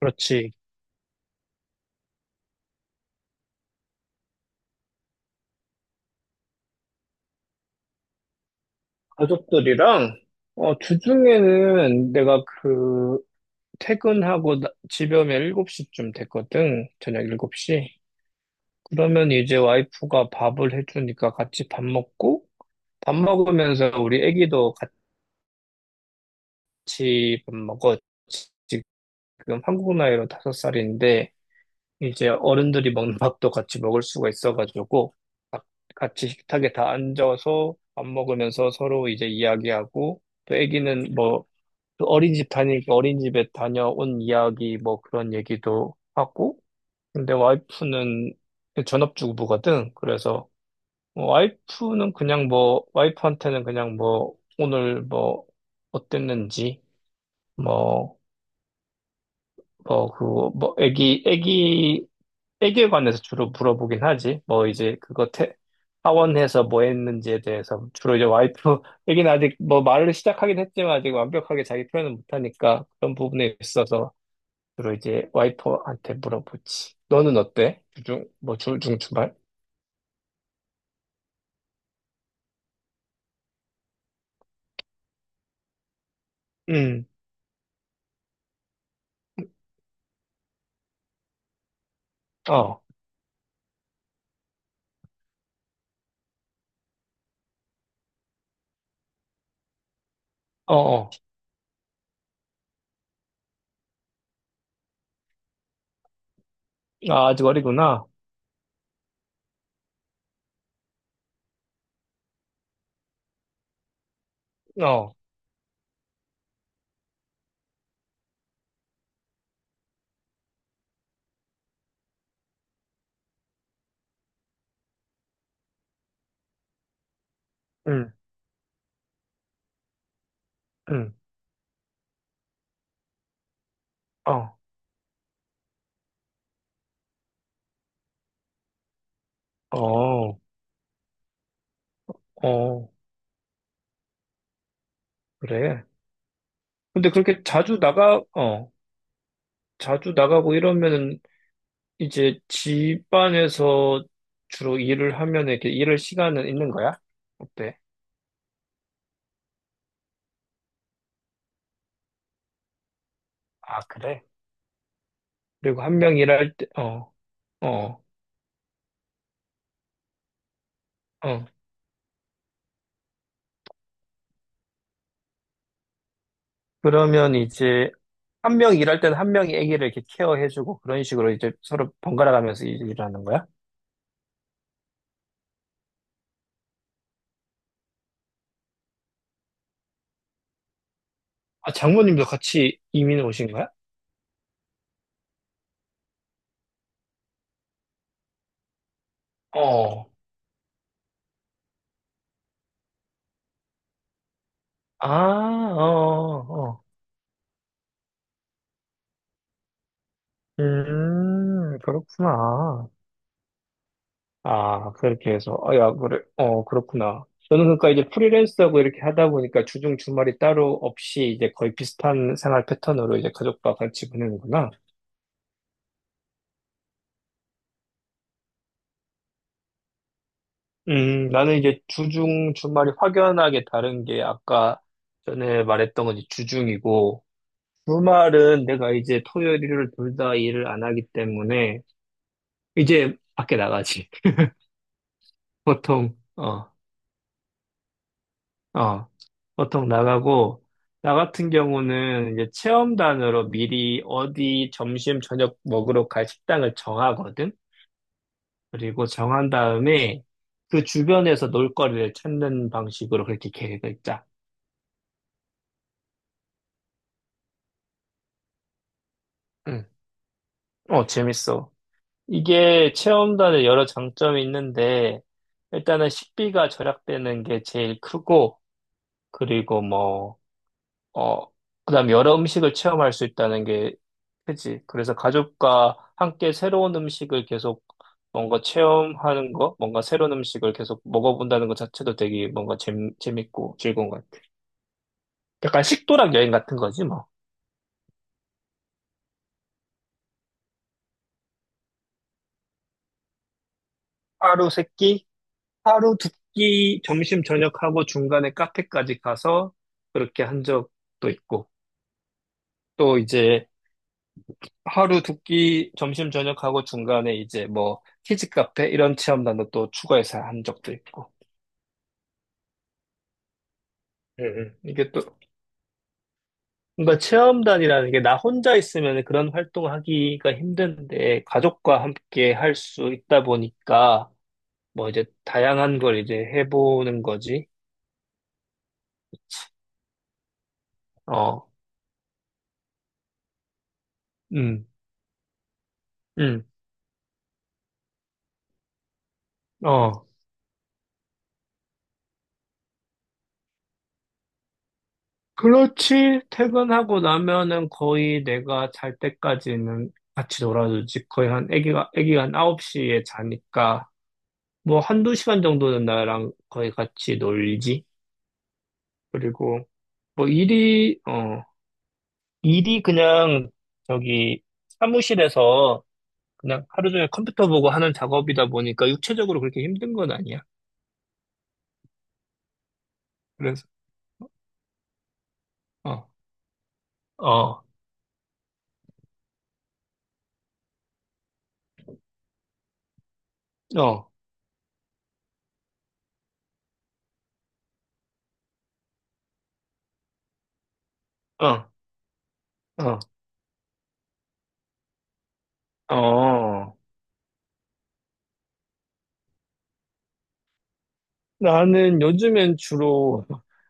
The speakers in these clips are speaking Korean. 그렇지. 가족들이랑, 주중에는 내가 퇴근하고 집에 오면 7시쯤 됐거든. 저녁 7시. 그러면 이제 와이프가 밥을 해주니까 같이 밥 먹고, 밥 먹으면서 우리 애기도 같이 밥 먹어. 지- 지금 한국 나이로 5살인데, 이제 어른들이 먹는 밥도 같이 먹을 수가 있어가지고, 가- 같이 식탁에 다 앉아서 밥 먹으면서 서로 이제 이야기하고, 또 애기는 뭐, 그 어린이집 다니니까 어린이집에 다녀온 이야기 뭐 그런 얘기도 하고. 근데 와이프는 전업주부거든. 그래서 뭐 와이프는 그냥 뭐 와이프한테는 그냥 뭐 오늘 뭐 어땠는지 뭐 뭐 그거 뭐 애기에 관해서 주로 물어보긴 하지. 뭐 이제 그거 태 하원해서 뭐 했는지에 대해서 주로 이제 와이프 얘기는 아직 뭐 말을 시작하긴 했지만 아직 완벽하게 자기 표현은 못하니까 그런 부분에 있어서 주로 이제 와이퍼한테 물어보지. 너는 어때? 주중, 뭐, 중충발? 응, 어, 어, 어. 아, 아직 어리구나. 어, 응, 응, 어, 어, 어, 그래. 근데 그렇게 자주 자주 나가고 이러면은 이제 집안에서 주로 일을 하면 이렇게 일할 시간은 있는 거야? 어때? 아, 그래? 그리고 한 명 일할 때, 어, 어, 어. 그러면 이제 한 명 일할 때는 한 명이 아기를 이렇게 케어해주고 그런 식으로 이제 서로 번갈아 가면서 일을 하는 거야? 아, 장모님도 같이 이민 오신 거야? 어. 아, 어, 어. 그렇구나. 아, 그렇게 해서. 어, 야, 그래. 어, 그렇구나. 저는 그러니까 이제 프리랜서하고 이렇게 하다 보니까 주중 주말이 따로 없이 이제 거의 비슷한 생활 패턴으로 이제 가족과 같이 보내는구나. 나는 이제 주중, 주말이 확연하게 다른 게 아까 전에 말했던 건 이제 주중이고, 주말은 내가 이제 토요일, 일요일 둘 다 일을 안 하기 때문에, 이제 밖에 나가지. 보통, 어, 어, 보통 나가고, 나 같은 경우는 이제 체험단으로 미리 어디 점심, 저녁 먹으러 갈 식당을 정하거든? 그리고 정한 다음에 그 주변에서 놀거리를 찾는 방식으로 그렇게 계획을 짜. 응. 어, 재밌어. 이게 체험단의 여러 장점이 있는데, 일단은 식비가 절약되는 게 제일 크고, 그리고 뭐, 어, 그다음 여러 음식을 체험할 수 있다는 게 크지. 그래서 가족과 함께 새로운 음식을 계속 뭔가 체험하는 거, 뭔가 새로운 음식을 계속 먹어본다는 것 자체도 되게 뭔가 재밌고 즐거운 것 같아. 약간 식도락 여행 같은 거지, 뭐. 하루 세끼 하루 두끼 점심 저녁하고 중간에 카페까지 가서 그렇게 한 적도 있고 또 이제 하루 두끼 점심 저녁하고 중간에 이제 뭐 키즈 카페 이런 체험단도 또 추가해서 한 적도 있고. 이게 또 뭔가 체험단이라는 게 나 혼자 있으면 그런 활동하기가 힘든데 가족과 함께 할 수 있다 보니까 뭐 이제 다양한 걸 이제 해보는 거지. 어, 음, 음, 어. 그렇지. 퇴근하고 나면은 거의 내가 잘 때까지는 같이 놀아주지. 거의 애기가 한 아홉 시에 자니까, 뭐 한두 시간 정도는 나랑 거의 같이 놀지. 그리고, 뭐 일이, 어, 일이 그냥 저기 사무실에서 그냥 하루 종일 컴퓨터 보고 하는 작업이다 보니까 육체적으로 그렇게 힘든 건 아니야. 그래서, 어, 어, 어, 어, 어, 어. 나는 요즘엔 주로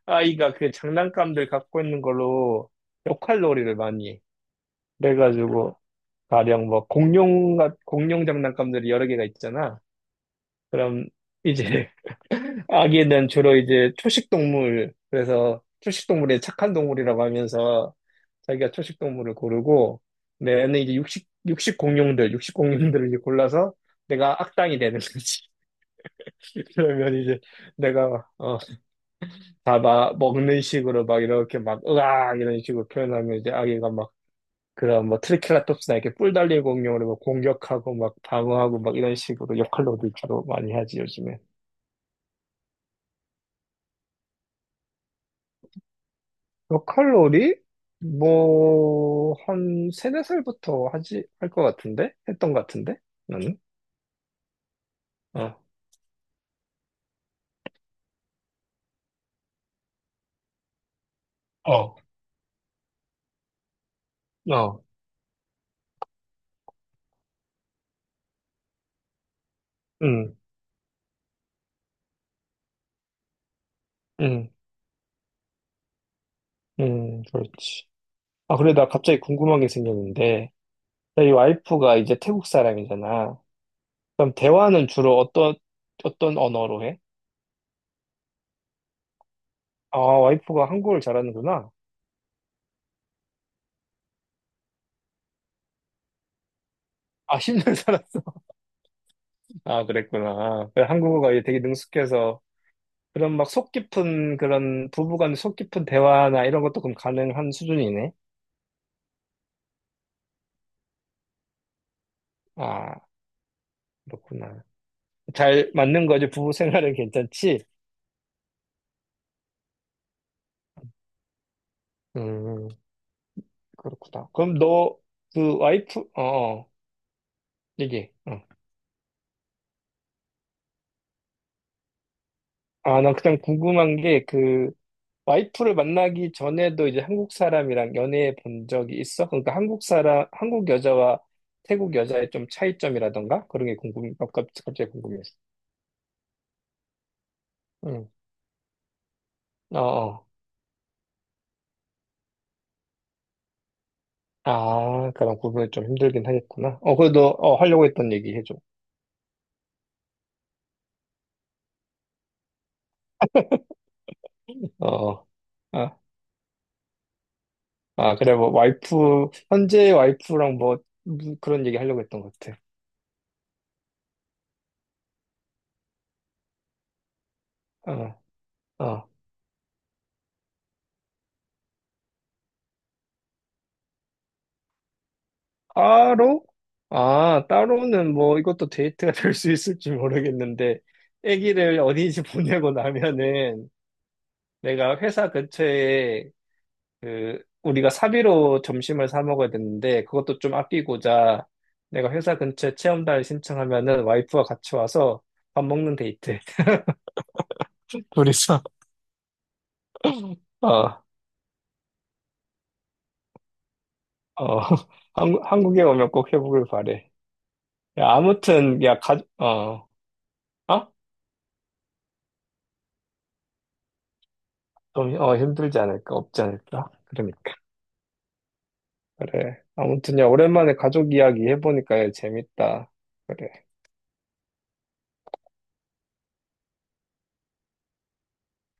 아이가 그 장난감들 갖고 있는 걸로 역할놀이를 많이 해. 그래가지고 가령 뭐 공룡 장난감들이 여러 개가 있잖아. 그럼 이제 아기는 주로 이제 초식 동물, 그래서 초식 동물의 착한 동물이라고 하면서 자기가 초식 동물을 고르고, 내 애는 이제 육식 공룡들을 이제 골라서 내가 악당이 되는 거지. 그러면 이제 내가 다 막 먹는 식으로 막 이렇게 막 으악 이런 식으로 표현하면 이제 아기가 막 그런 뭐 트리케라톱스나 이렇게 뿔 달린 공룡으막 공격하고 막 방어하고 막 이런 식으로 역할놀이 주로 많이 하지, 요즘에. 역할놀이 뭐 한 세네 살부터 하지 할 것 같은데, 했던 것 같은데, 나는. 어, 어어음음음 그렇지. 아 그래, 나 갑자기 궁금한 게 생겼는데, 나 이 와이프가 이제 태국 사람이잖아. 그럼 대화는 주로 어떤, 어떤 언어로 해? 아, 와이프가 한국어를 잘하는구나. 아, 10년 살았어. 아, 그랬구나. 그래, 한국어가 이제 되게 능숙해서 그런 막 속 깊은 그런 부부간 속 깊은 대화나 이런 것도 그럼 가능한 수준이네. 아, 그렇구나. 잘 맞는 거지. 부부 생활은 괜찮지? 음, 그렇구나. 그럼 너 그 와이프, 어, 어, 얘기해. 어. 아, 난 그냥 궁금한 게그 와이프를 만나기 전에도 이제 한국 사람이랑 연애해 본 적이 있어? 그러니까 한국 사람, 한국 여자와 태국 여자의 좀 차이점이라던가? 그런 게 궁금, 갑자기 궁금했어. 응. 어, 어. 아, 그럼 구분이 좀 힘들긴 하겠구나. 어, 그래도, 어, 하려고 했던 얘기 해줘. 어, 어. 아, 아, 그래, 뭐, 현재 와이프랑 뭐, 그런 얘기 하려고 했던 것 같아. 어, 어. 따로? 아, 따로는 뭐 이것도 데이트가 될 수 있을지 모르겠는데, 아기를 어린이집 보내고 나면은 내가 회사 근처에 그 우리가 사비로 점심을 사 먹어야 되는데 그것도 좀 아끼고자 내가 회사 근처에 체험단을 신청하면은 와이프와 같이 와서 밥 먹는 데이트. 둘이서. 어, 어. 한국에 오면 꼭 해보길 바래. 야, 아무튼, 야, 어, 어? 좀, 어, 힘들지 않을까? 없지 않을까? 그러니까. 그래. 아무튼, 야, 오랜만에 가족 이야기 해보니까 재밌다. 그래.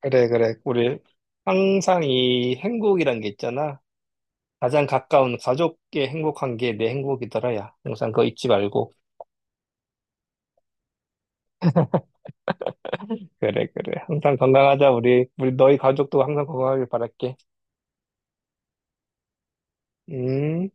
그래, 그래. 우리 항상 이 행복이란 게 있잖아. 가장 가까운 가족의 행복한 게 내 행복이더라, 야. 항상 그거 잊지 말고. 그래, 그래. 항상 건강하자, 우리. 우리 너희 가족도 항상 건강하길 바랄게. 음.